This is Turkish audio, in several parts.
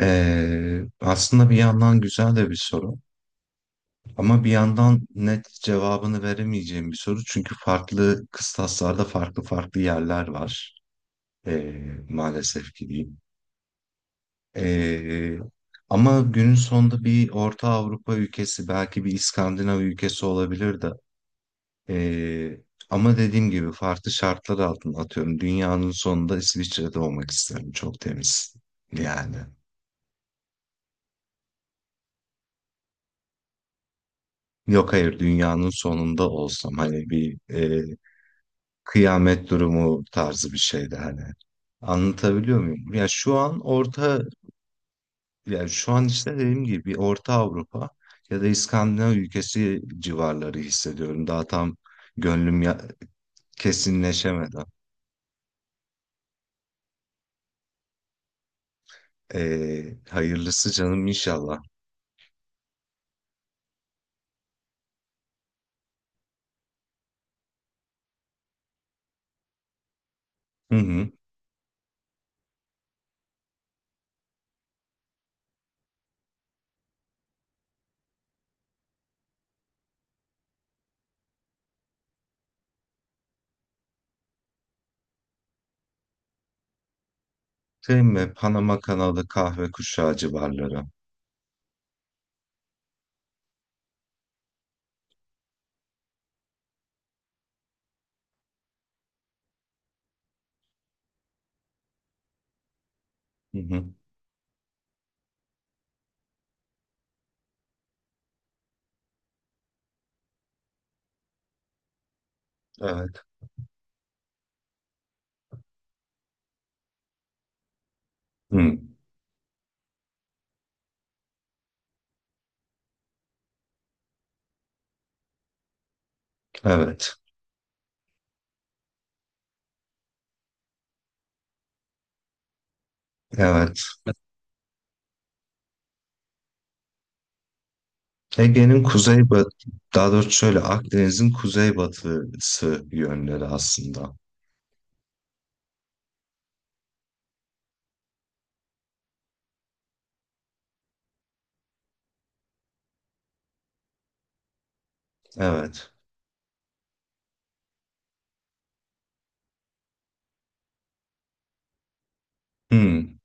Aslında bir yandan güzel de bir soru ama bir yandan net cevabını veremeyeceğim bir soru çünkü farklı kıstaslarda farklı farklı yerler var. Ee, Maalesef ki diyeyim. Ee, Ama günün sonunda bir Orta Avrupa ülkesi, belki bir İskandinav ülkesi olabilir de. Ee, Ama dediğim gibi farklı şartlar altında, atıyorum dünyanın sonunda İsviçre'de olmak isterim, çok temiz yani. Yok hayır, dünyanın sonunda olsam hani bir kıyamet durumu tarzı bir şeydi hani. Anlatabiliyor muyum? Ya şu an orta, yani şu an işte dediğim gibi bir Orta Avrupa ya da İskandinav ülkesi civarları hissediyorum. Daha tam gönlüm ya, kesinleşemedi. E, Hayırlısı canım inşallah. Hı hı. Şey mi? Panama kanalı, kahve kuşağı civarları. Hı hı. Evet. Hı. Evet. Evet. Ege'nin kuzeybatı, daha doğrusu şöyle Akdeniz'in kuzeybatısı yönleri aslında. Evet. Hmm,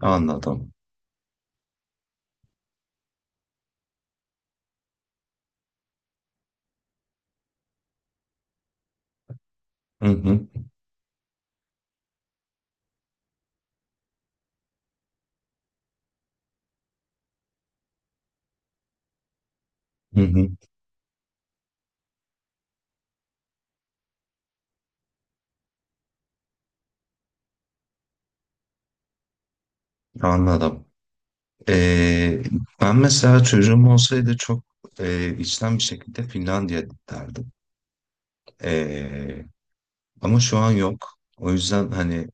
anladım. Hı hı, hı hı, anladım. Ee, Ben mesela çocuğum olsaydı çok içten bir şekilde Finlandiya derdim. Ee, Ama şu an yok. O yüzden hani,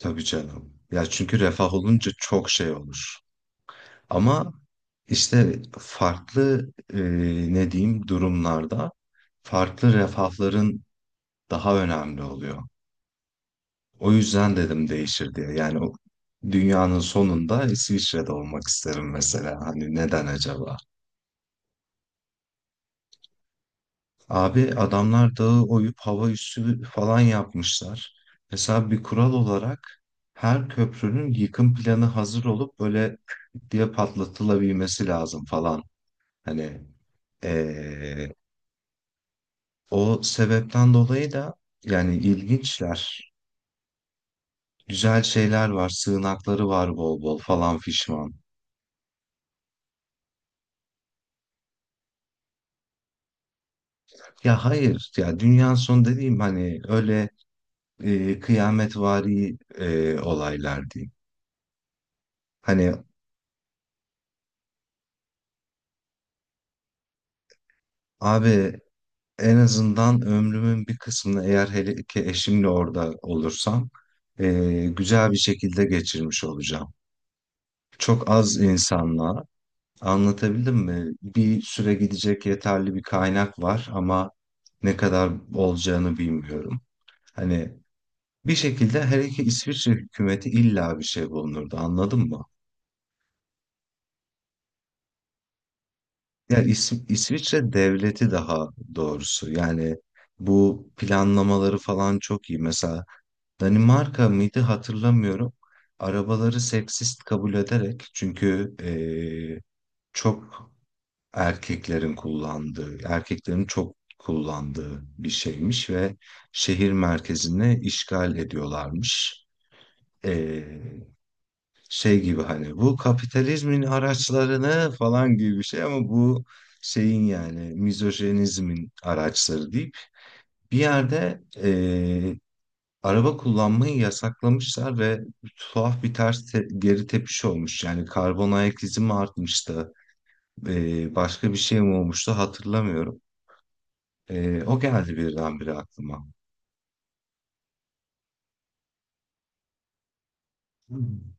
tabii canım. Ya çünkü refah olunca çok şey olur. Ama işte farklı ne diyeyim durumlarda farklı refahların daha önemli oluyor. O yüzden dedim değişir diye. Yani o dünyanın sonunda İsviçre'de olmak isterim mesela. Hani neden acaba? Abi adamlar dağı oyup hava üssü falan yapmışlar. Mesela bir kural olarak her köprünün yıkım planı hazır olup böyle diye patlatılabilmesi lazım falan. Hani ee, o sebepten dolayı da yani ilginçler. Güzel şeyler var, sığınakları var bol bol falan fişman. Ya hayır, ya dünyanın sonu dediğim hani öyle kıyametvari olaylar değil. Hani abi, en azından ömrümün bir kısmını, eğer hele ki eşimle orada olursam, e, güzel bir şekilde geçirmiş olacağım. Çok az insanla, anlatabildim mi? Bir süre gidecek yeterli bir kaynak var ama ne kadar olacağını bilmiyorum. Hani bir şekilde her iki İsviçre hükümeti illa bir şey bulunurdu, anladın mı? Ya İsviçre devleti, daha doğrusu yani bu planlamaları falan çok iyi. Mesela Danimarka mıydı, hatırlamıyorum. Arabaları seksist kabul ederek, çünkü çok erkeklerin kullandığı, erkeklerin çok kullandığı bir şeymiş ve şehir merkezini işgal ediyorlarmış. e, Şey gibi, hani bu kapitalizmin araçlarını falan gibi bir şey, ama bu şeyin yani mizojenizmin araçları deyip bir yerde araba kullanmayı yasaklamışlar ve tuhaf bir geri tepiş olmuş. Yani karbon ayak izi mi artmıştı, başka bir şey mi olmuştu hatırlamıyorum. O geldi birdenbire aklıma. Hmm.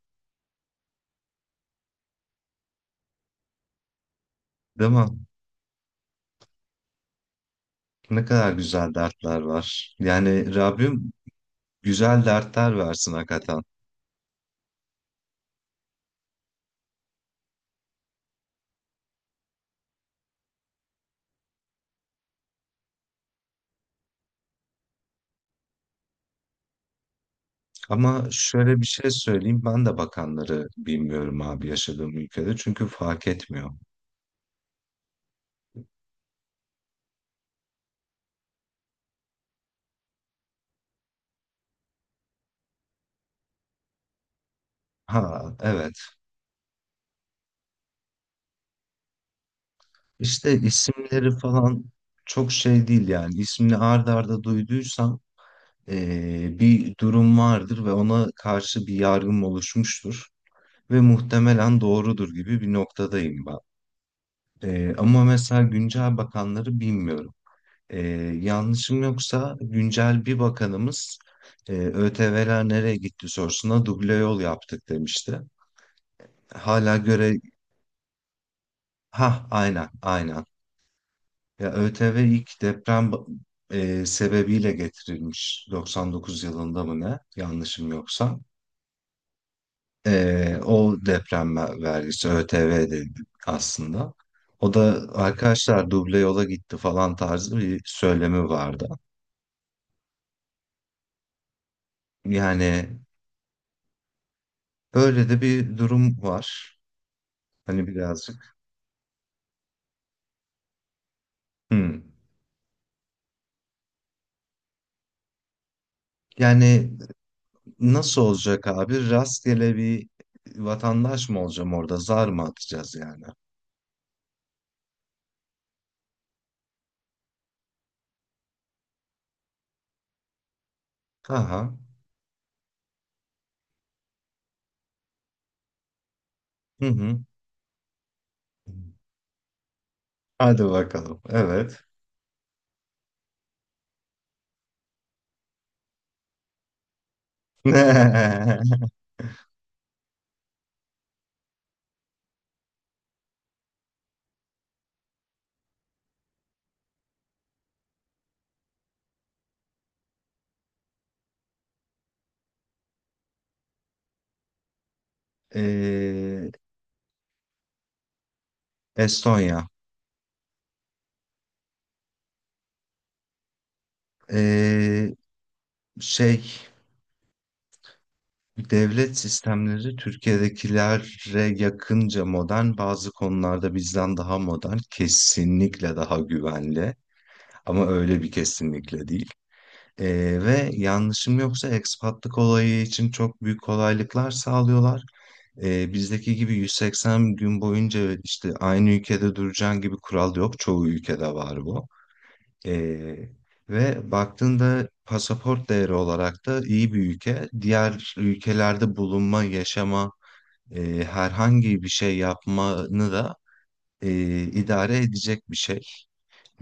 Değil mi? Ne kadar güzel dertler var. Yani Rabbim güzel dertler versin hakikaten. Ama şöyle bir şey söyleyeyim. Ben de bakanları bilmiyorum abi yaşadığım ülkede. Çünkü fark etmiyor. Ha evet. İşte isimleri falan çok şey değil yani. İsmini ard arda duyduysam bir durum vardır ve ona karşı bir yargım oluşmuştur. Ve muhtemelen doğrudur gibi bir noktadayım ben. Ama mesela güncel bakanları bilmiyorum. Ee, Yanlışım yoksa güncel bir bakanımız, ÖTV'ler nereye gitti sorusuna duble yol yaptık demişti. Hala göre, ha aynen aynen. Ya ÖTV ilk sebebiyle getirilmiş, 99 yılında mı ne, yanlışım yoksa. O vergisi ÖTV dedi aslında. O da arkadaşlar duble yola gitti falan tarzı bir söylemi vardı. Yani böyle de bir durum var. Hani birazcık. Hmm. Yani nasıl olacak abi? Rastgele bir vatandaş mı olacağım orada? Zar mı atacağız yani? Aha. Hı hı. Hadi bakalım. Evet. Ee, Estonya. Ee, şey, Devlet sistemleri Türkiye'dekilere yakınca modern, bazı konularda bizden daha modern, kesinlikle daha güvenli. Ama öyle bir kesinlikle değil. Ve yanlışım yoksa ekspatlık olayı için çok büyük kolaylıklar sağlıyorlar. Bizdeki gibi 180 gün boyunca işte aynı ülkede duracaksın gibi kural yok. Çoğu ülkede var bu. Ee, Ve baktığında pasaport değeri olarak da iyi bir ülke. Diğer ülkelerde bulunma, yaşama, herhangi bir şey yapmanı da idare edecek bir şey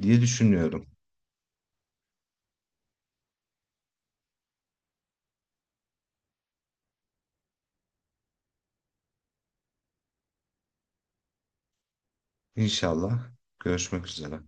diye düşünüyorum. İnşallah görüşmek üzere.